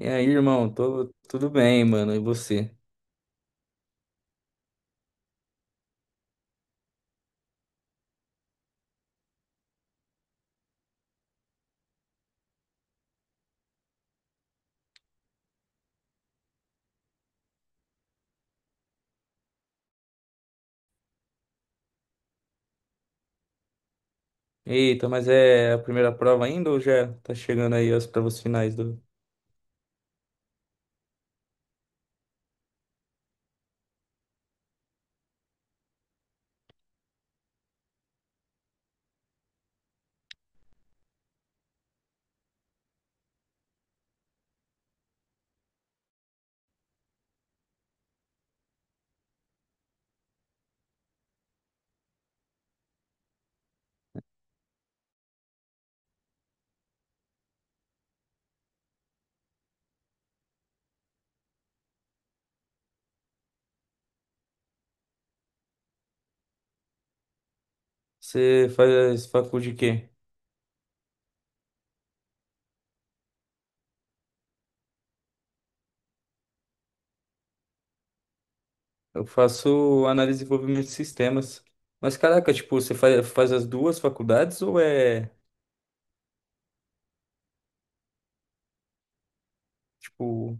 E aí, irmão, tô, tudo bem, mano, e você? Eita, mas é a primeira prova ainda ou já tá chegando aí as provas finais do... Você faz faculdade de quê? Eu faço análise e desenvolvimento de sistemas. Mas caraca, tipo, você faz, faz as duas faculdades ou é, tipo...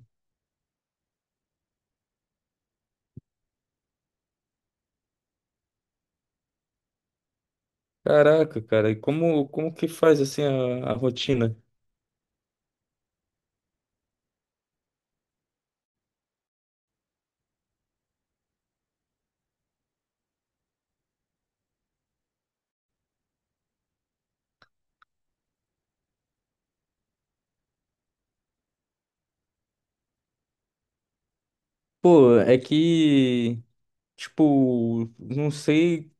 Caraca, cara, e como, como que faz, assim, a rotina? Pô, é que, tipo, não sei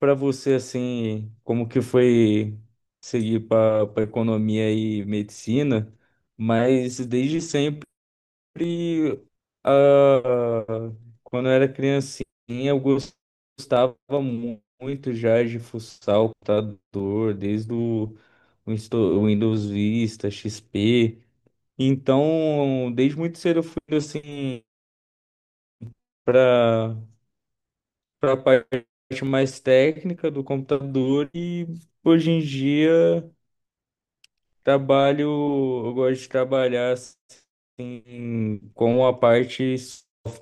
para você assim, como que foi seguir para economia e medicina, mas desde sempre ah, quando eu era criancinha gostava muito já de fuçar o computador, desde o Winsto- Windows Vista, XP. Então, desde muito cedo eu fui assim para a parte mais técnica do computador e hoje em dia trabalho, eu gosto de trabalhar assim, com a parte, software,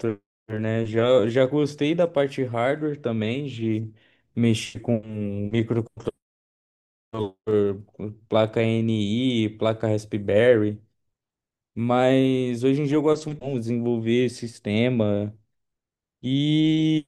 né? Já gostei da parte hardware também, de mexer com micro com placa N i placa Raspberry, mas hoje em dia eu gosto muito de desenvolver sistema e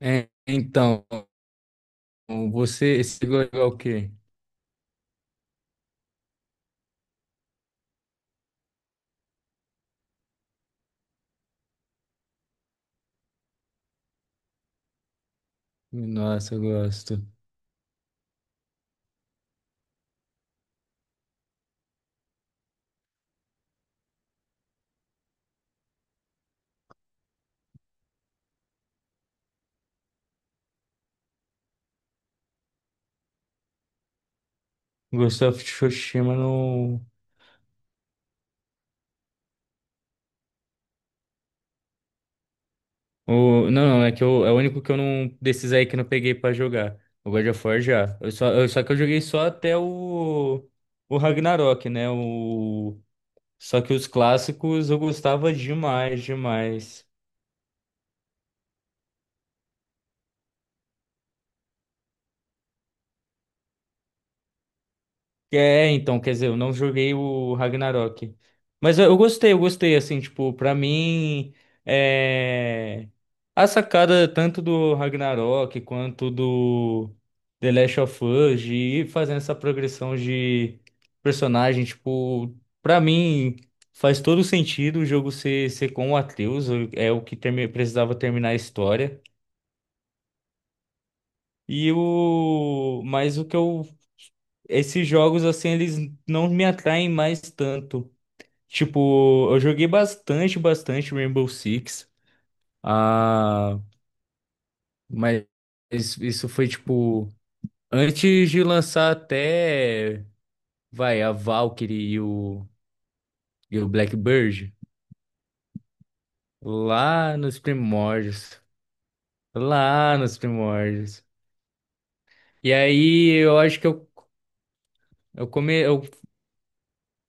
é, então, você gosta de jogar o quê? Nossa, eu gosto. Ghost of Tsushima no. O... Não, é que eu... é o único que eu não. Desses aí que eu não peguei pra jogar. O God of War já. Eu só... Só que eu joguei só até o. O Ragnarok, né? O... Só que os clássicos eu gostava demais, demais. É, então, quer dizer, eu não joguei o Ragnarok. Mas eu gostei, eu gostei, assim, tipo, pra mim, é... a sacada tanto do Ragnarok quanto do The Last of Us, de ir fazendo essa progressão de personagem, tipo, pra mim faz todo sentido o jogo ser, ser com o Atreus, é o que precisava terminar a história. E o. Mas o que eu. Esses jogos, assim, eles não me atraem mais tanto. Tipo, eu joguei bastante, bastante Rainbow Six. Ah, mas isso foi, tipo, antes de lançar até, vai, a Valkyrie e o Blackbird. Lá nos primórdios. Lá nos primórdios. E aí, eu acho que eu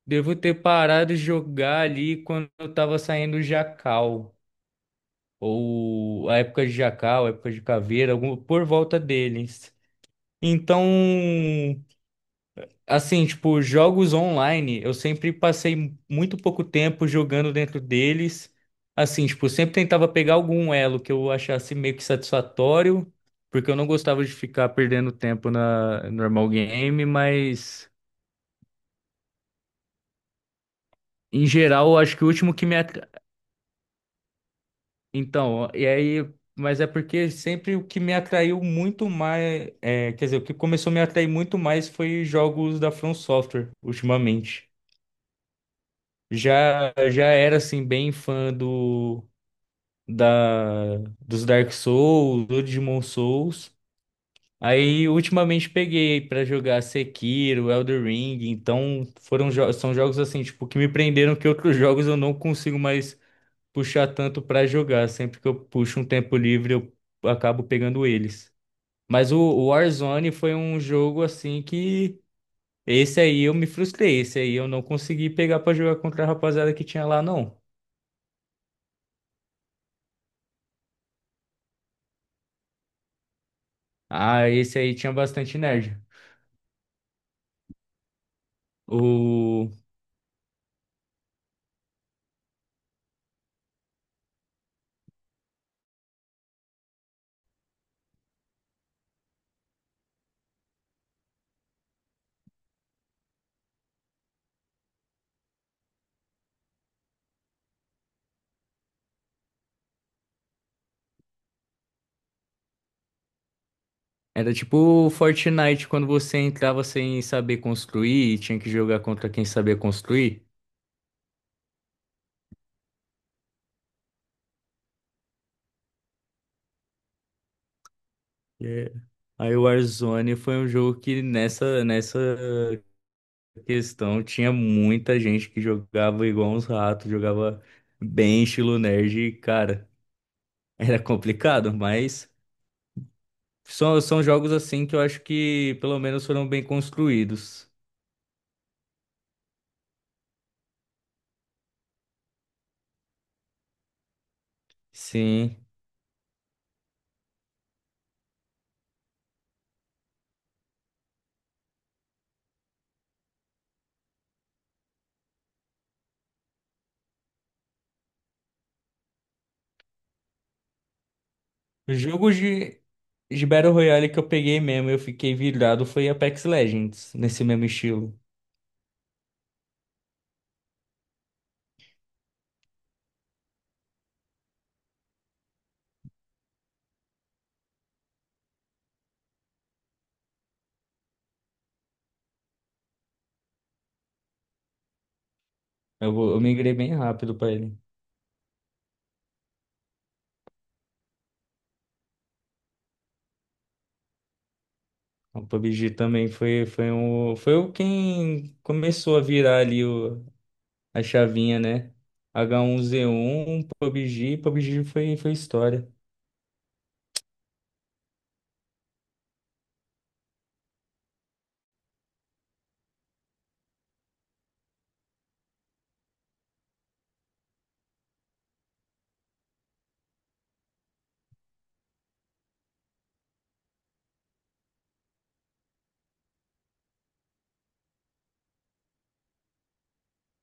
devo ter parado de jogar ali quando eu tava saindo o Jacal, ou a época de Jacal, a época de Caveira, por volta deles. Então, assim, tipo, jogos online, eu sempre passei muito pouco tempo jogando dentro deles. Assim, tipo, sempre tentava pegar algum elo que eu achasse meio que satisfatório, porque eu não gostava de ficar perdendo tempo na normal game, mas em geral, eu acho que o último que então, e aí, mas é porque sempre o que me atraiu muito mais, é, quer dizer, o que começou a me atrair muito mais foi jogos da From Software ultimamente. Já era assim bem fã do da dos Dark Souls, do Demon Souls. Aí ultimamente peguei pra jogar Sekiro, Elden Ring, então são jogos assim, tipo, que me prenderam que outros jogos eu não consigo mais puxar tanto pra jogar. Sempre que eu puxo um tempo livre, eu acabo pegando eles. Mas o Warzone foi um jogo assim que esse aí eu me frustrei, esse aí eu não consegui pegar pra jogar contra a rapaziada que tinha lá não. Ah, esse aí tinha bastante nerd. O era tipo o Fortnite quando você entrava sem saber construir e tinha que jogar contra quem sabia construir. É. Aí o Warzone foi um jogo que nessa questão, tinha muita gente que jogava igual uns ratos, jogava bem estilo nerd, e, cara, era complicado, mas são jogos assim que eu acho que pelo menos foram bem construídos. Sim. Jogos de Battle Royale que eu peguei mesmo, eu fiquei virado, foi Apex Legends, nesse mesmo estilo. Eu migrei bem rápido pra ele. O PUBG também foi, foi, um, foi o quem começou a virar ali o a chavinha, né? H um z 1 PUBG, PUBG foi, foi história.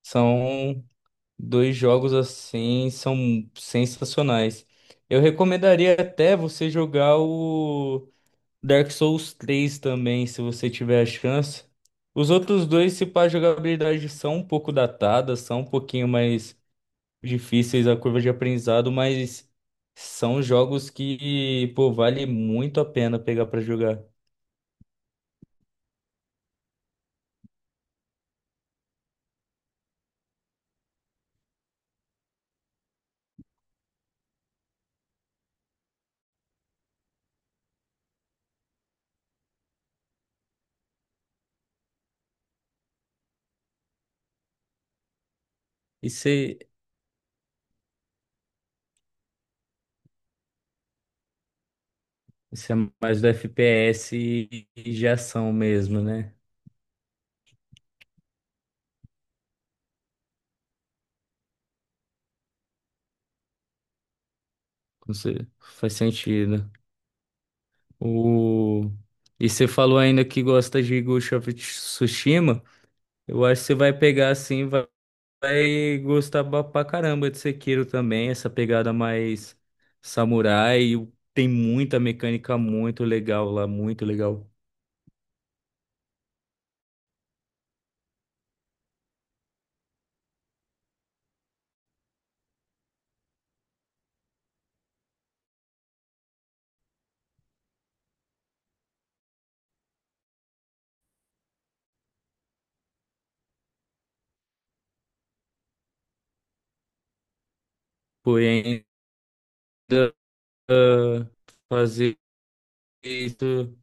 São dois jogos assim, são sensacionais. Eu recomendaria até você jogar o Dark Souls 3 também, se você tiver a chance. Os outros dois, se pá, a jogabilidade são um pouco datadas, são um pouquinho mais difíceis a curva de aprendizado, mas são jogos que, pô, vale muito a pena pegar pra jogar. E você isso é mais do FPS e de ação mesmo, né? Com cer- faz sentido. O... E você falou ainda que gosta de Ghost of Tsushima. Eu acho que você vai pegar assim, e vai gostar ba- pra caramba de Sekiro também. Essa pegada mais samurai. E o- tem muita mecânica muito legal lá, muito legal. Porém, ainda ah, fazer isso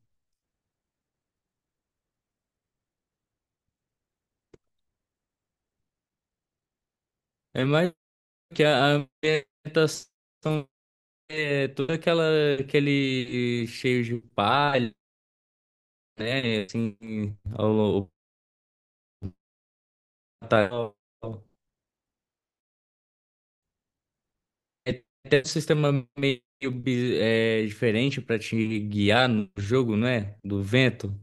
é mais que a ambientação. É todo aquela, aquele cheio de palha, né? Assim, ao, ao- é até um sistema meio bi- é, diferente para te guiar no jogo, não é? Do vento.